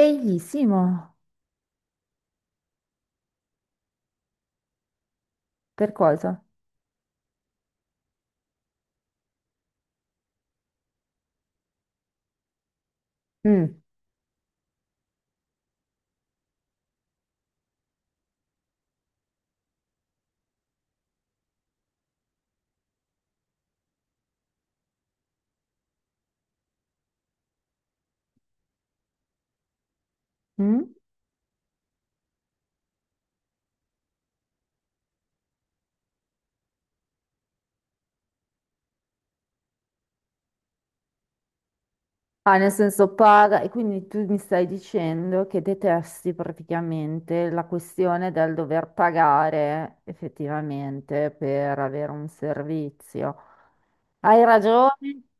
Eglissimo, per cosa? Mm, mm. Ah, nel senso paga, e quindi tu mi stai dicendo che detesti praticamente la questione del dover pagare effettivamente per avere un servizio. Hai ragione,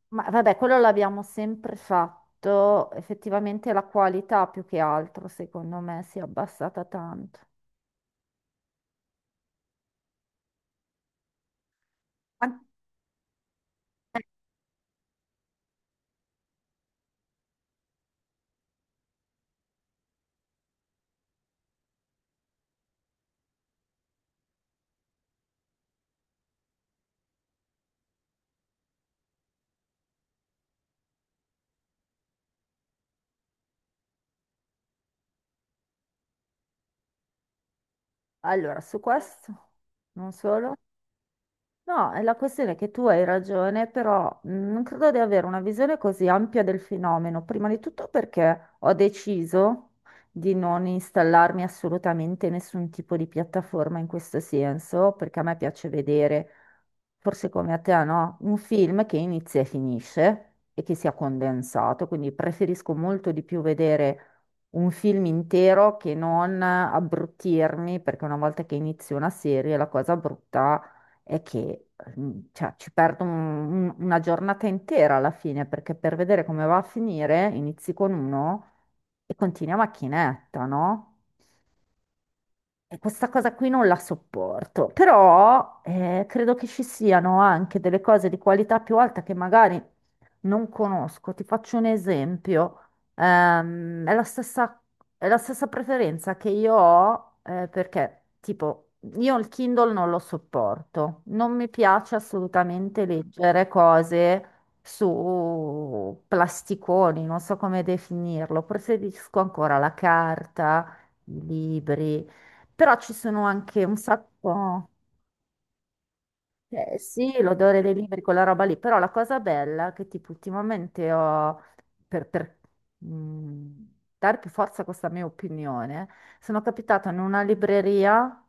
ma vabbè, quello l'abbiamo sempre fatto, effettivamente la qualità più che altro, secondo me, si è abbassata tanto. An- Allora, su questo, non solo. No, è la questione è che tu hai ragione, però non credo di avere una visione così ampia del fenomeno. Prima di tutto perché ho deciso di non installarmi assolutamente nessun tipo di piattaforma in questo senso, perché a me piace vedere, forse come a te, no? Un film che inizia e finisce e che sia condensato, quindi preferisco molto di più vedere un film intero che non abbruttirmi, perché una volta che inizio una serie la cosa brutta è che cioè, ci perdo una giornata intera alla fine, perché per vedere come va a finire inizi con uno e continui a macchinetta, no? E questa cosa qui non la sopporto, però credo che ci siano anche delle cose di qualità più alta che magari non conosco. Ti faccio un esempio. Ehm, è la stessa, è la stessa preferenza che io ho perché, tipo, io il Kindle non lo sopporto. Non mi piace assolutamente leggere cose su plasticoni, non so come definirlo. Preferisco ancora la carta, i libri. Però ci sono anche un sacco, sì, l'odore dei libri, quella roba lì, però la cosa bella che tipo ultimamente ho, per, per, mh, dare più forza a questa mia opinione, sono capitata in una libreria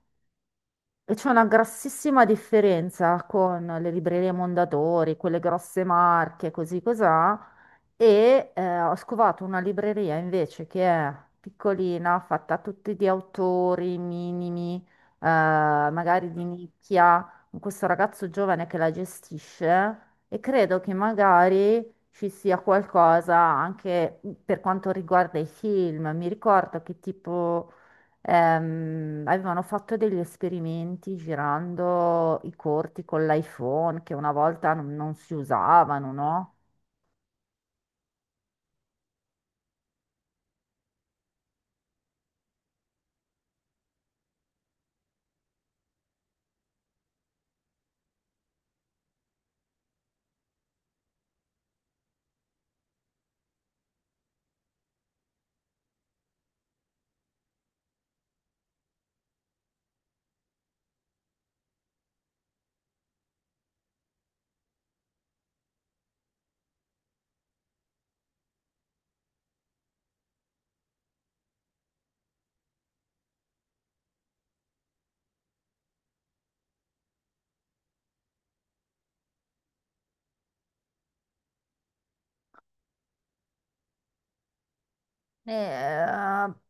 e c'è una grossissima differenza con le librerie Mondadori, quelle grosse marche, così così e ho scovato una libreria invece che è piccolina, fatta tutti di autori minimi, magari di nicchia, con questo ragazzo giovane che la gestisce e credo che magari ci sia qualcosa anche per quanto riguarda i film. Mi ricordo che tipo avevano fatto degli esperimenti girando i corti con l'iPhone che una volta non si usavano, no? Eh,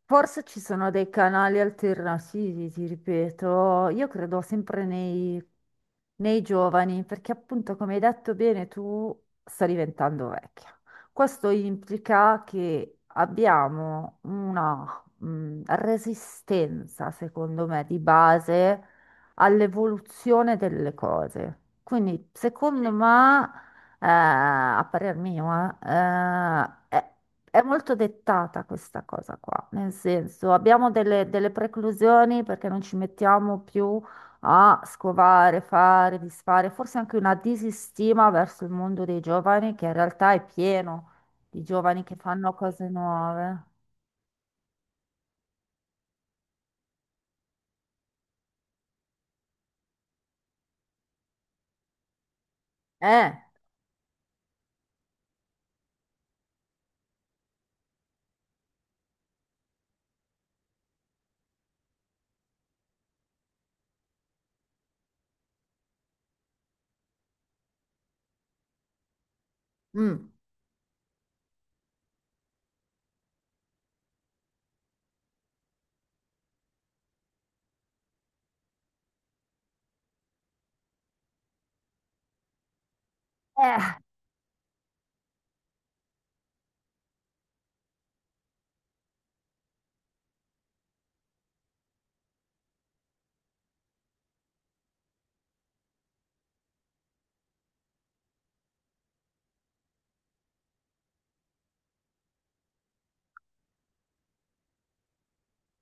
forse ci sono dei canali alternativi, ti ripeto, io credo sempre nei giovani, perché appunto, come hai detto bene, tu stai diventando vecchia. Questo implica che abbiamo una, resistenza, secondo me, di base all'evoluzione delle cose. Quindi, secondo me, a parer mio, è molto dettata questa cosa qua, nel senso abbiamo delle preclusioni perché non ci mettiamo più a scovare, fare, disfare, forse anche una disistima verso il mondo dei giovani che in realtà è pieno di giovani che fanno cose nuove. Eh, mm. Eh,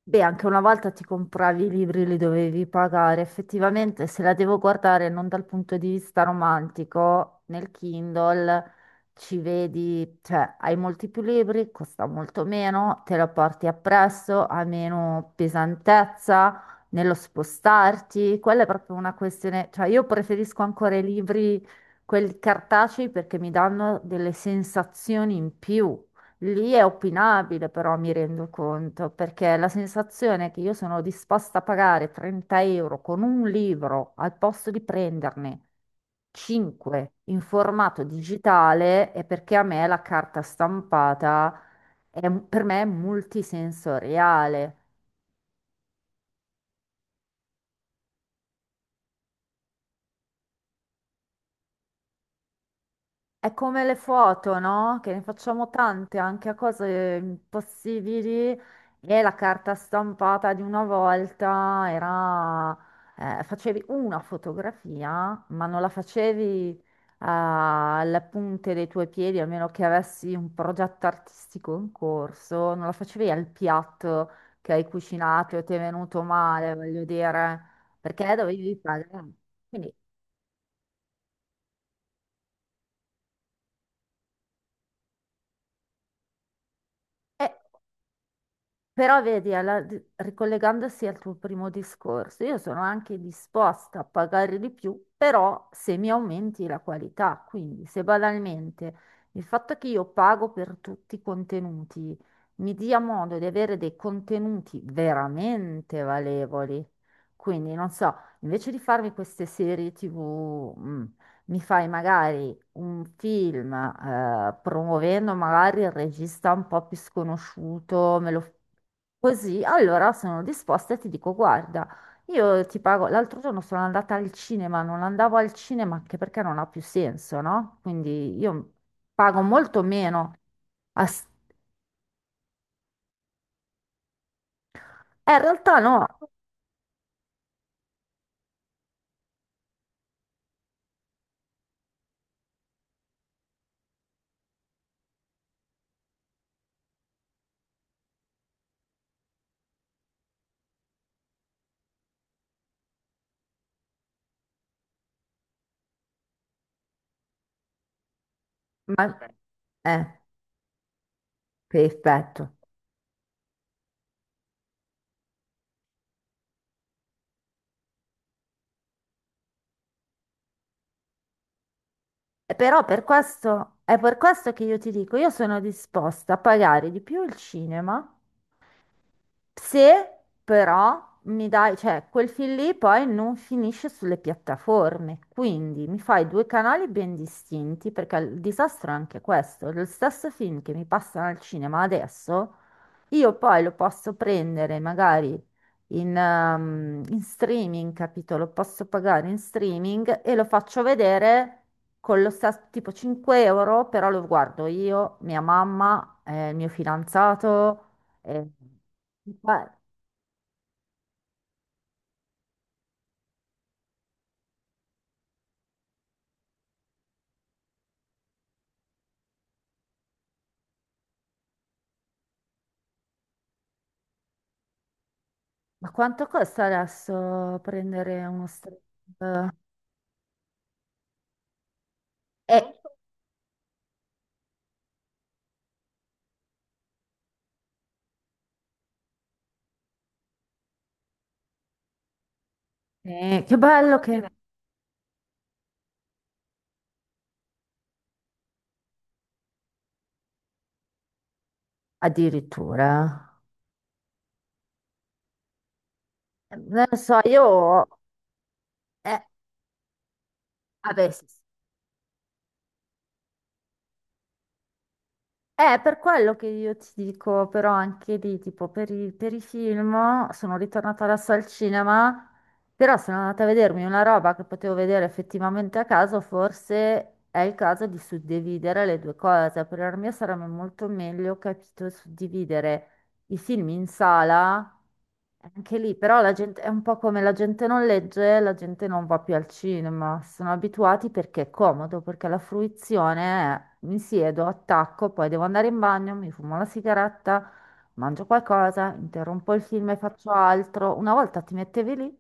Beh, anche una volta ti compravi i libri, li dovevi pagare. Effettivamente, se la devo guardare non dal punto di vista romantico, nel Kindle ci vedi, cioè hai molti più libri, costa molto meno, te lo porti appresso, ha meno pesantezza nello spostarti. Quella è proprio una questione, cioè io preferisco ancora i libri, quelli cartacei, perché mi danno delle sensazioni in più. Lì è opinabile, però mi rendo conto, perché la sensazione che io sono disposta a pagare 30 euro con un libro al posto di prenderne 5 in formato digitale è perché a me la carta stampata per me è multisensoriale. È come le foto, no? Che ne facciamo tante anche a cose impossibili e la carta stampata di una volta era... facevi una fotografia, ma non la facevi alle punte dei tuoi piedi, a meno che avessi un progetto artistico in corso, non la facevi al piatto che hai cucinato e ti è venuto male, voglio dire, perché dovevi pagare. Quindi, eh, però vedi, ricollegandosi al tuo primo discorso, io sono anche disposta a pagare di più, però se mi aumenti la qualità, quindi se banalmente il fatto che io pago per tutti i contenuti mi dia modo di avere dei contenuti veramente valevoli, quindi non so, invece di farmi queste serie TV, mi fai magari un film, promuovendo magari il regista un po' più sconosciuto, me lo... così, allora sono disposta e ti dico, guarda, io ti pago, l'altro giorno sono andata al cinema, non andavo al cinema anche perché non ha più senso, no? Quindi io pago molto meno. a s- in realtà no, ma... Eh, perfetto. Però per questo, è per questo che io ti dico, io sono disposta a pagare di più il cinema. Se però mi dai, cioè quel film lì poi non finisce sulle piattaforme, quindi mi fai due canali ben distinti, perché il disastro è anche questo, lo stesso film che mi passano al cinema adesso, io poi lo posso prendere magari in, in streaming, capito? Lo posso pagare in streaming e lo faccio vedere con lo stesso tipo 5 euro, però lo guardo io, mia mamma, il mio fidanzato. Eh, ma, ma quanto costa adesso prendere uno stream? Eh, che bello che... Addirittura. Non lo so, io... eh, vabbè, sì, è per quello che io ti dico, però anche lì, tipo, per i film sono ritornata adesso al cinema, però sono andata a vedermi una roba che potevo vedere effettivamente a caso, forse è il caso di suddividere le due cose. Per la mia sarebbe molto meglio, capito, suddividere i film in sala anche lì, però la gente è un po' come la gente non legge, la gente non va più al cinema, sono abituati perché è comodo, perché la fruizione è mi siedo, attacco, poi devo andare in bagno, mi fumo la sigaretta, mangio qualcosa, interrompo il film e faccio altro. Una volta ti mettevi lì,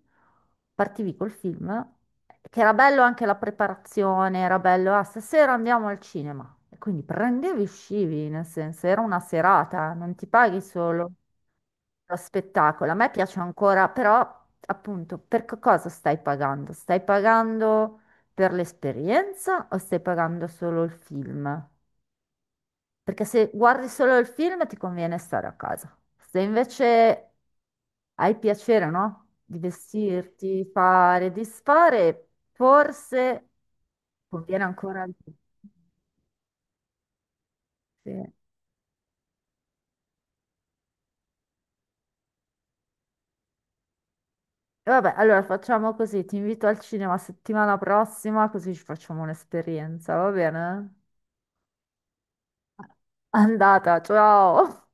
partivi col film, che era bello anche la preparazione, era bello, ah, stasera andiamo al cinema. E quindi prendevi e uscivi, nel senso, era una serata, non ti paghi solo lo spettacolo. A me piace ancora, però appunto, cosa stai pagando? Stai pagando per l'esperienza o stai pagando solo il film? Perché se guardi solo il film ti conviene stare a casa. Se invece hai piacere, no? Di vestirti, fare, disfare, forse conviene ancora di più. Sì. Vabbè, allora facciamo così, ti invito al cinema settimana prossima, così ci facciamo un'esperienza, va bene? Andata, ciao.